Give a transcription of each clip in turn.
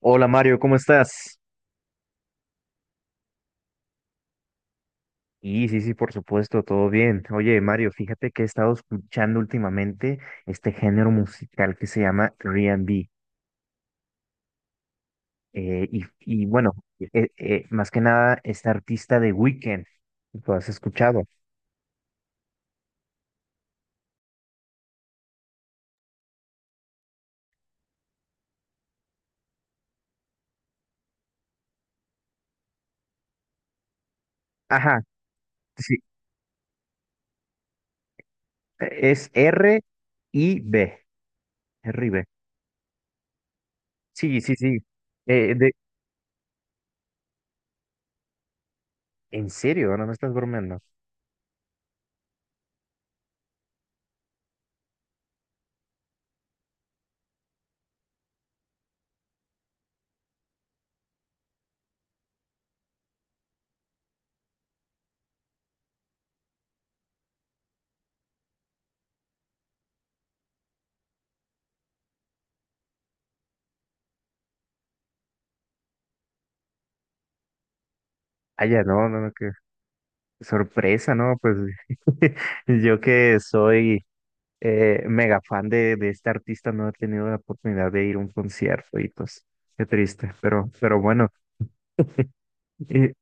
Hola Mario, ¿cómo estás? Sí, sí, por supuesto, todo bien. Oye, Mario, fíjate que he estado escuchando últimamente este género musical que se llama R&B. Y bueno, más que nada, este artista de Weekend, ¿lo has escuchado? Ajá, sí, es y B, R y B. Sí, sí, sí. Eh, de, ¿En serio? ¿No me estás bromeando? Ah, ya, no, no, no, qué sorpresa, ¿no? Pues yo que soy mega fan de este artista, no he tenido la oportunidad de ir a un concierto y pues qué triste, pero bueno. Eh,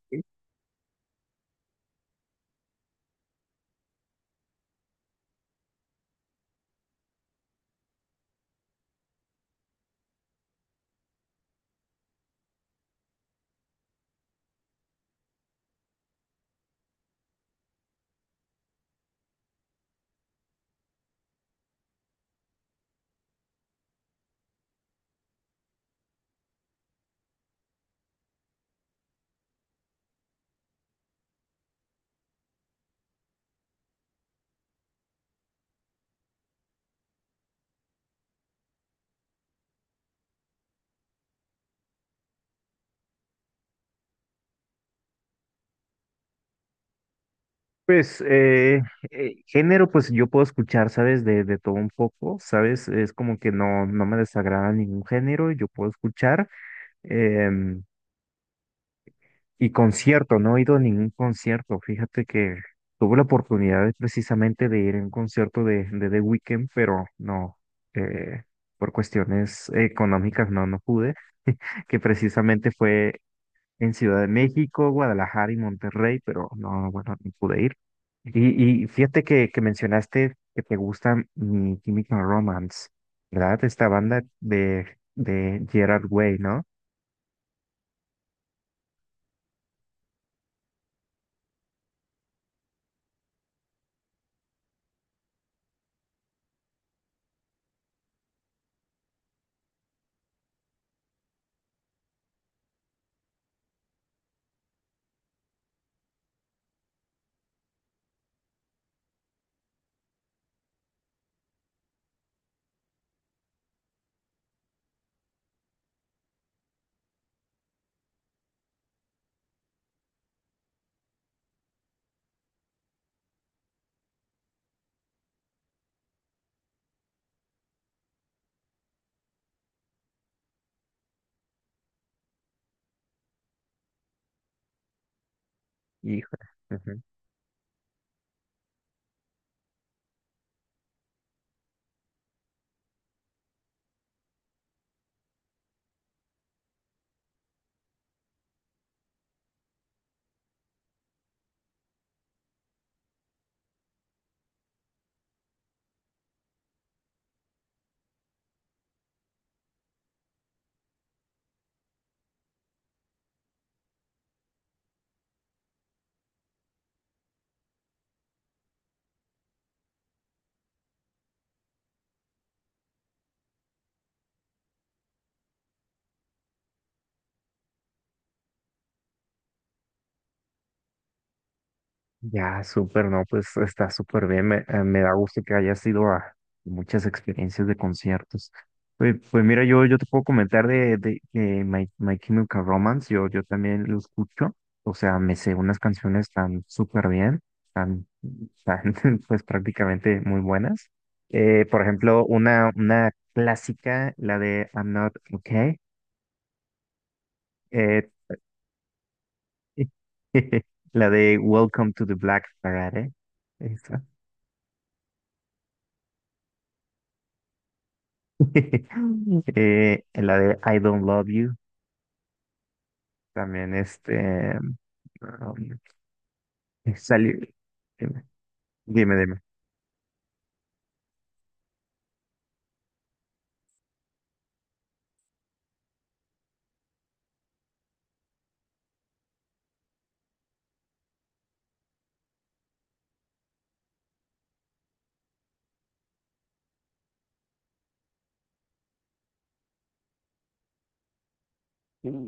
pues eh, Género, pues yo puedo escuchar, ¿sabes? De todo un poco, ¿sabes? Es como que no, no me desagrada ningún género, yo puedo escuchar. em, y concierto, no he ido a ningún concierto, fíjate que tuve la oportunidad de, precisamente de ir a un concierto de The Weeknd, pero no, eh, por cuestiones económicas no, no pude. Que precisamente fue en Ciudad de México, Guadalajara y Monterrey, pero no, bueno, no pude ir. Y fíjate que mencionaste que te gusta mi Chemical Romance, ¿verdad? Esta banda de Gerard Way, ¿no? Híjole. Ya, súper, no, pues está súper bien. Me da gusto que hayas ido a muchas experiencias de conciertos. Pues mira, yo te puedo comentar de My Chemical Romance. Yo también lo escucho. O sea, me sé unas canciones tan súper bien, tan, tan, pues prácticamente muy buenas. Por ejemplo, una clásica, la de I'm Not Okay. eh, la de Welcome to the Black Parade. Esa. En la de I Don't Love You, también um, salió, dime, dime. Dime.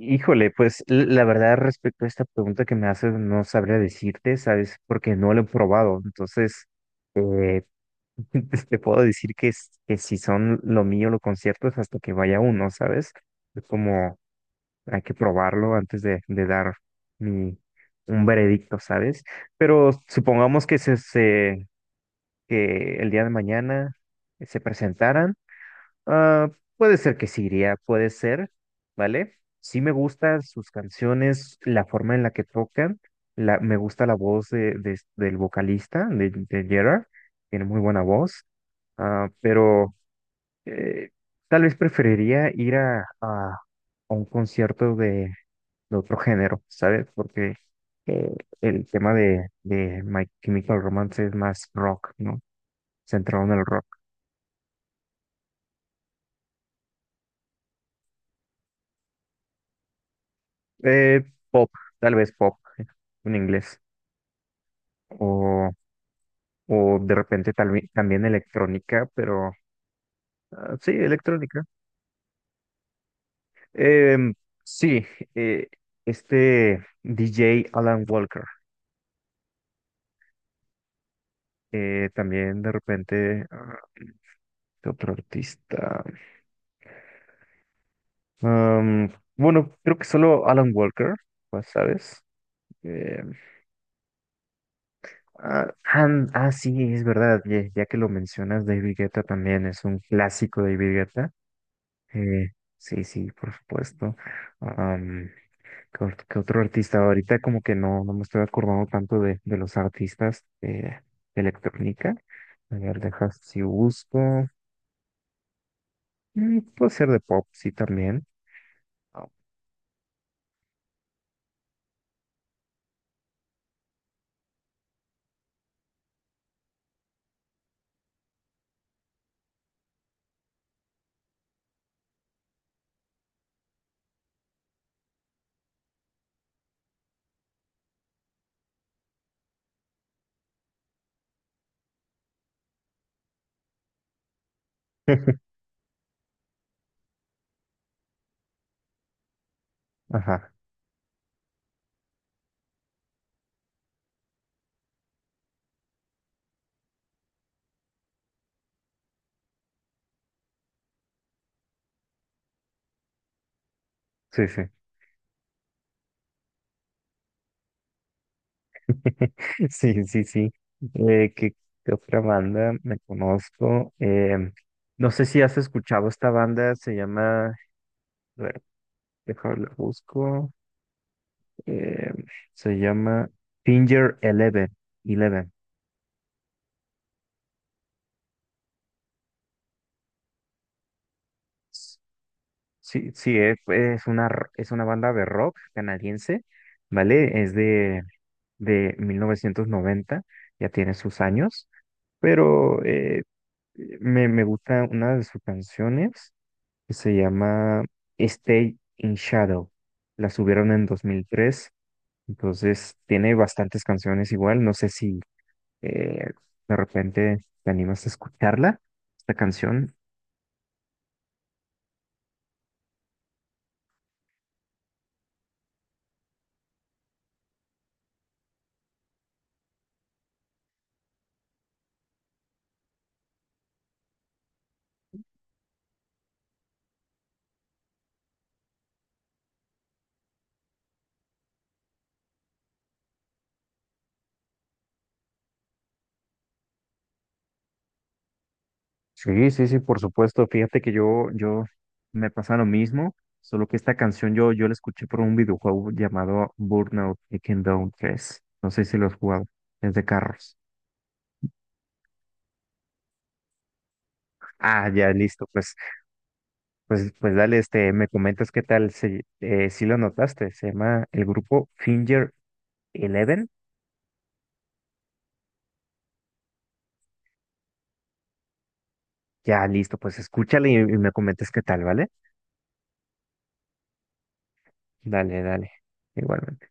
Híjole, pues la verdad respecto a esta pregunta que me haces, no sabría decirte, ¿sabes? Porque no lo he probado. Entonces, eh, te puedo decir que si son lo mío los conciertos hasta que vaya uno, ¿sabes? Es como hay que probarlo antes de dar mi, un veredicto, ¿sabes? Pero supongamos que que el día de mañana se presentaran, ah, puede ser que sí iría, puede ser, ¿vale? Sí me gustan sus canciones, la forma en la que tocan, me gusta la voz del vocalista, de Gerard, tiene muy buena voz, ah, pero eh, tal vez preferiría ir a un concierto de otro género, ¿sabes? Porque eh, el tema de My Chemical Romance es más rock, ¿no? Centrado en el rock. Eh, Pop, tal vez pop en inglés. O, o de repente tal vez también electrónica, pero sí, electrónica. Em, sí, eh, este DJ Alan Walker. También de repente, ah, ¿qué otro artista? Am, bueno, creo que solo Alan Walker, pues, ¿sabes? Em, ah, ah, ah, sí, es verdad, ya que lo mencionas, David Guetta también es un clásico de David Guetta. Eh, sí, sí, por supuesto. Am, ¿Qué otro artista? Ahorita como que no, no me estoy acordando tanto de los artistas de electrónica. A ver, dejas si busco. Mm, puede ser de pop, sí, también. Ah, ajá, sí, sí. Sí, sí, sí. Eh, ¿qué, ¿Qué otra banda me conozco? Em, no sé si has escuchado esta banda, se llama... A ver, déjame la busco. Eh, Se llama Finger Eleven. Eleven. Sí, sí, es una, es una banda de rock canadiense, ¿vale? Es de 1990, ya tiene sus años, pero me gusta una de sus canciones que se llama Stay in Shadow. La subieron en 2003, entonces tiene bastantes canciones igual, no sé si... Eh, de repente te animas a escucharla, esta canción. Sí, sí, sí, por supuesto. Fíjate que yo me pasa lo mismo, solo que esta canción yo la escuché por un videojuego llamado Burnout Takedown 3. No sé si lo has jugado, es de carros. Ah, ya, listo, pues dale, este, me comentas qué tal, si lo notaste, se llama el grupo Finger Eleven. Ya, listo, pues escúchale y me comentas qué tal, ¿vale? Dale, dale, igualmente.